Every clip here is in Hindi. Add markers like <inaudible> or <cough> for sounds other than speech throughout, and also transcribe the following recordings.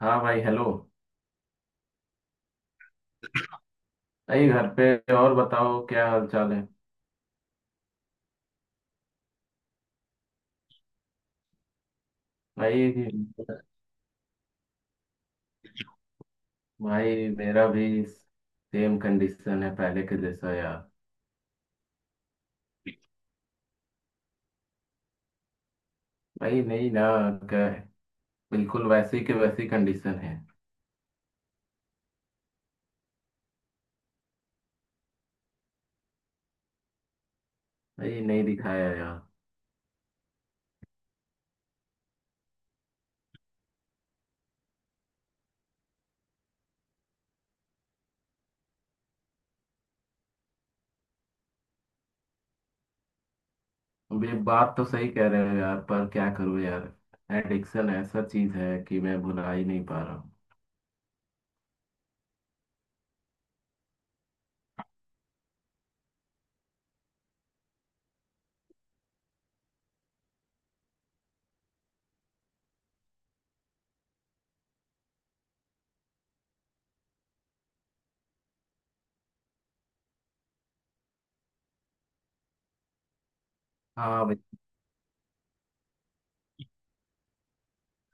हाँ भाई, हेलो। भाई घर पे। और बताओ क्या हाल चाल है भाई? भाई मेरा भी सेम कंडीशन है पहले के जैसा यार। भाई नहीं ना, क्या है, बिल्कुल वैसी के वैसी कंडीशन है। भाई नहीं दिखाया यार। अब ये बात तो सही कह रहे हो यार, पर क्या करूँ यार, एडिक्शन ऐसा चीज है कि मैं भुला ही नहीं पा रहा हूँ। हाँ भाई।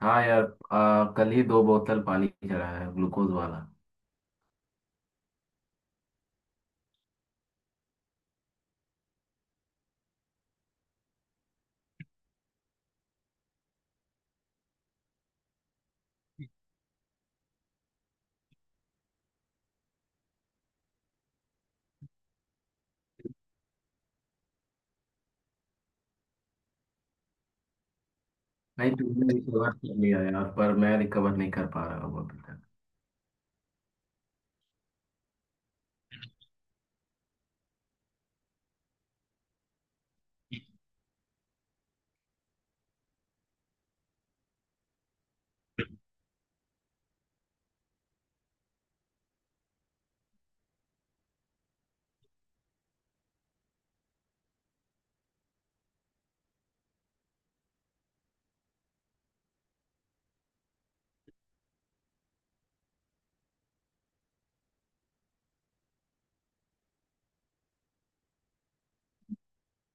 हाँ यार, कल ही दो बोतल पानी चढ़ा है ग्लूकोज वाला। भाई तुमने रिकवर कर लिया यार, पर मैं रिकवर नहीं कर पा रहा हूँ अभी तक।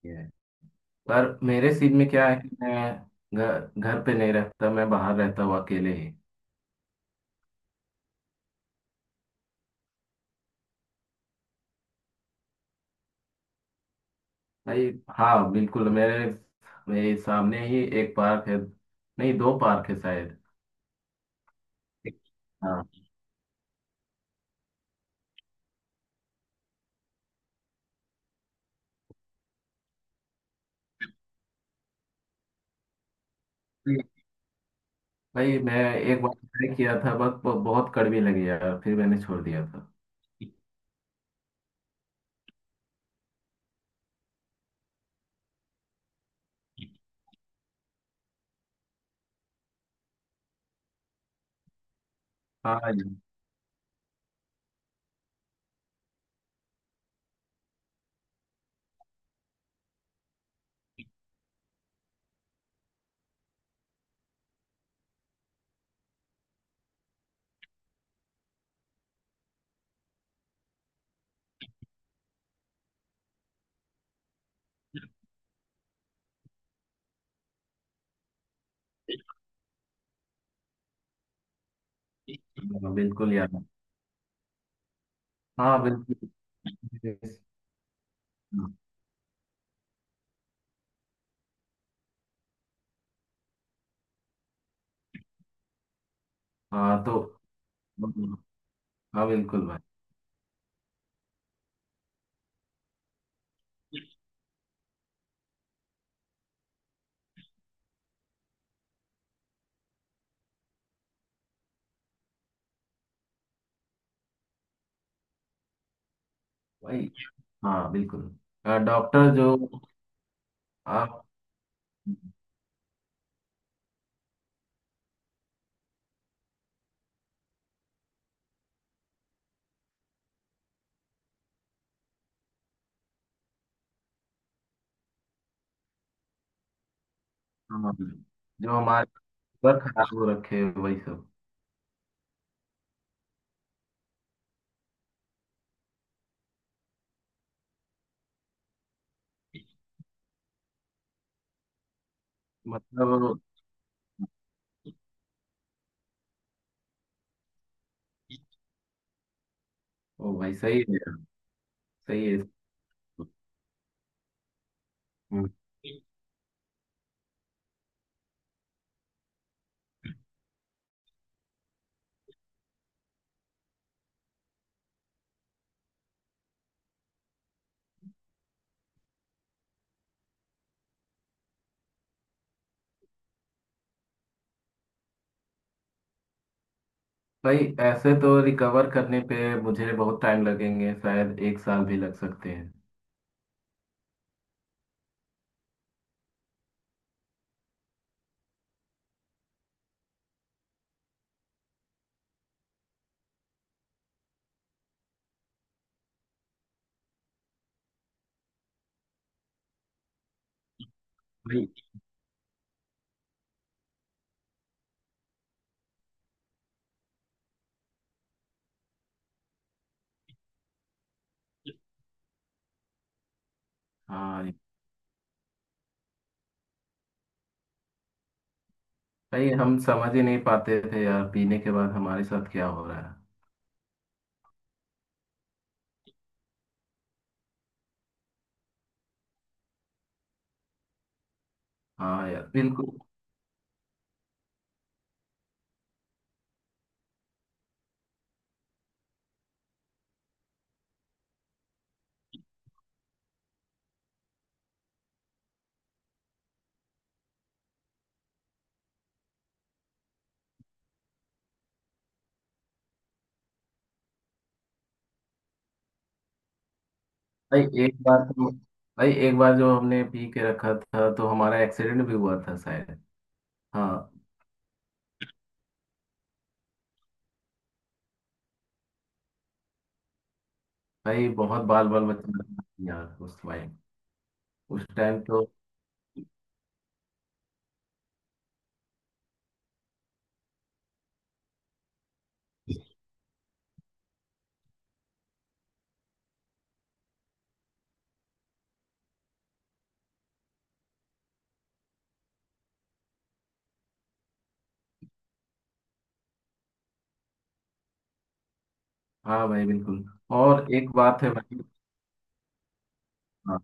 ये, पर मेरे सीन में क्या है कि मैं घर घर पे नहीं रहता, मैं बाहर रहता हूँ अकेले ही। भाई, हाँ बिल्कुल, मेरे मेरे सामने ही एक पार्क है। नहीं, दो पार्क है शायद। हाँ भाई, मैं एक बार ट्राई किया था, बस बहुत कड़वी लगी यार, फिर मैंने छोड़ दिया था। हाँ यार। हाँ, बिल्कुल यार। हाँ बिल्कुल। हाँ तो। हाँ बिल्कुल भाई। भाई हाँ बिल्कुल। डॉक्टर जो आप। हाँ, जो हमारे सर खराब हो रखे हैं वही सब। मतलब। ओ भाई सही है। सही है। हम्म। भाई ऐसे तो रिकवर करने पे मुझे बहुत टाइम लगेंगे, शायद एक साल भी लग सकते हैं। भाई। हाँ भाई, हम समझ ही नहीं पाते थे यार, पीने के बाद हमारे साथ क्या हो रहा है। हाँ यार बिल्कुल। भाई एक बार तो, भाई एक बार जो हमने पी के रखा था तो हमारा एक्सीडेंट भी हुआ था शायद। हाँ। भाई बहुत बाल बाल बच्चे यार उस टाइम, उस टाइम तो। हाँ भाई बिल्कुल। और एक बात है भाई। हाँ।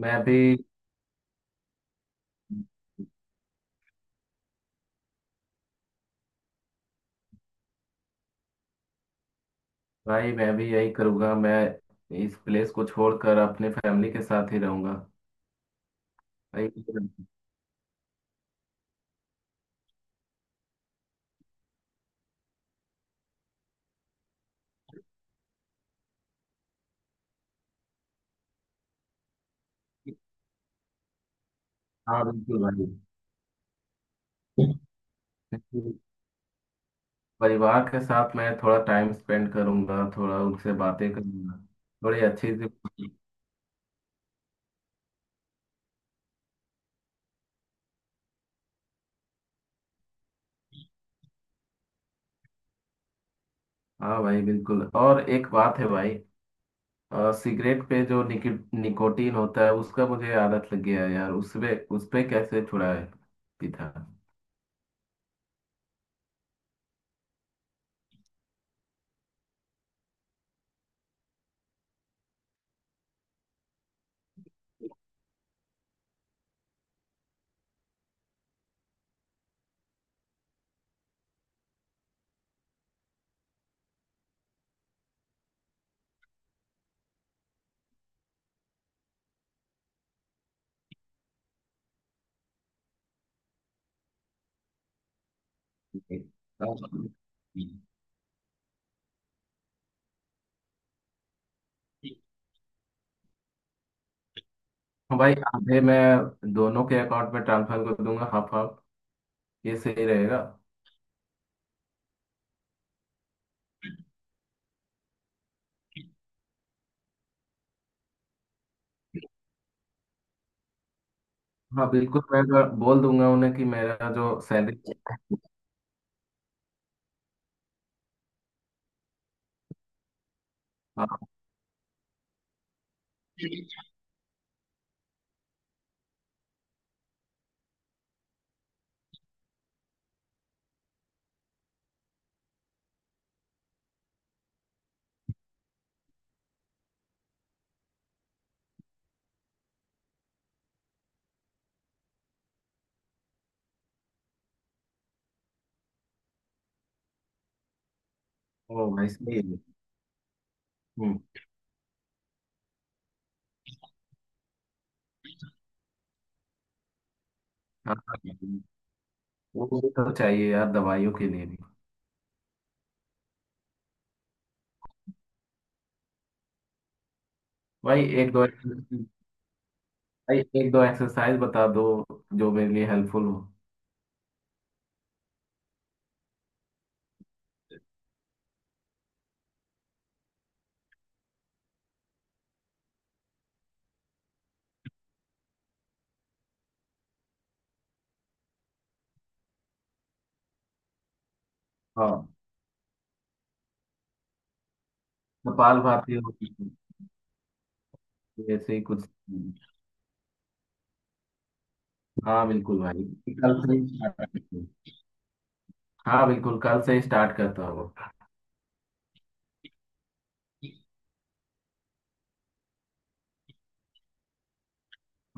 मैं भी मैं भी यही करूँगा, मैं इस प्लेस को छोड़कर अपने फैमिली के साथ ही रहूँगा। भाई। हाँ बिल्कुल भाई। परिवार के साथ मैं थोड़ा टाइम स्पेंड करूँगा, थोड़ा उनसे बातें करूँगा, थोड़ी अच्छी सी। <laughs> हाँ भाई बिल्कुल, और एक बात है भाई। सिगरेट पे जो निकोटीन होता है उसका मुझे आदत लग गया है यार, उसपे उसपे कैसे छुड़ाए? पिता। हाँ भाई, आधे मैं दोनों के अकाउंट में ट्रांसफर कर दूंगा, हाफ हाफ। ये सही रहेगा। हाँ बिल्कुल, मैं बोल दूंगा उन्हें कि मेरा जो सैलरी। हाँ वो भाई सही है। हम्म। हाँ हाँ। वो तो चाहिए यार दवाइयों के लिए भी। भाई एक दो, भाई एक दो एक्सरसाइज बता दो जो मेरे लिए हेल्पफुल हो। हाँ। कपाल भाती हो, ऐसे ही कुछ। हाँ बिल्कुल भाई, कल से ही start करते हैं। हाँ बिल्कुल, कल से ही स्टार्ट करता हूँ।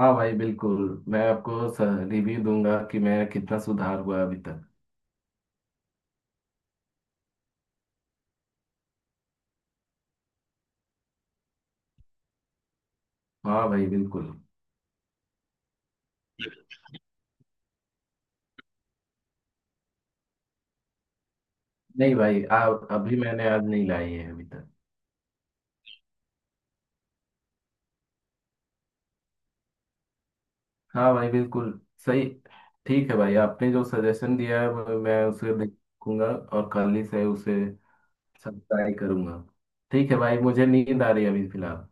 हाँ भाई बिल्कुल, मैं आपको रिव्यू दूंगा कि मैं कितना सुधार हुआ अभी तक। हाँ भाई बिल्कुल। नहीं भाई, अभी मैंने आज नहीं लाई है अभी तक। हाँ भाई बिल्कुल, सही। ठीक है भाई, आपने जो सजेशन दिया है वो मैं उसे देखूंगा और खाली से उसे सब ट्राई करूंगा। ठीक है भाई, मुझे नींद आ रही है अभी फिलहाल,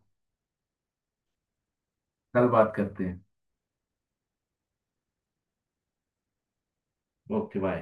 कल बात करते हैं। Okay bye.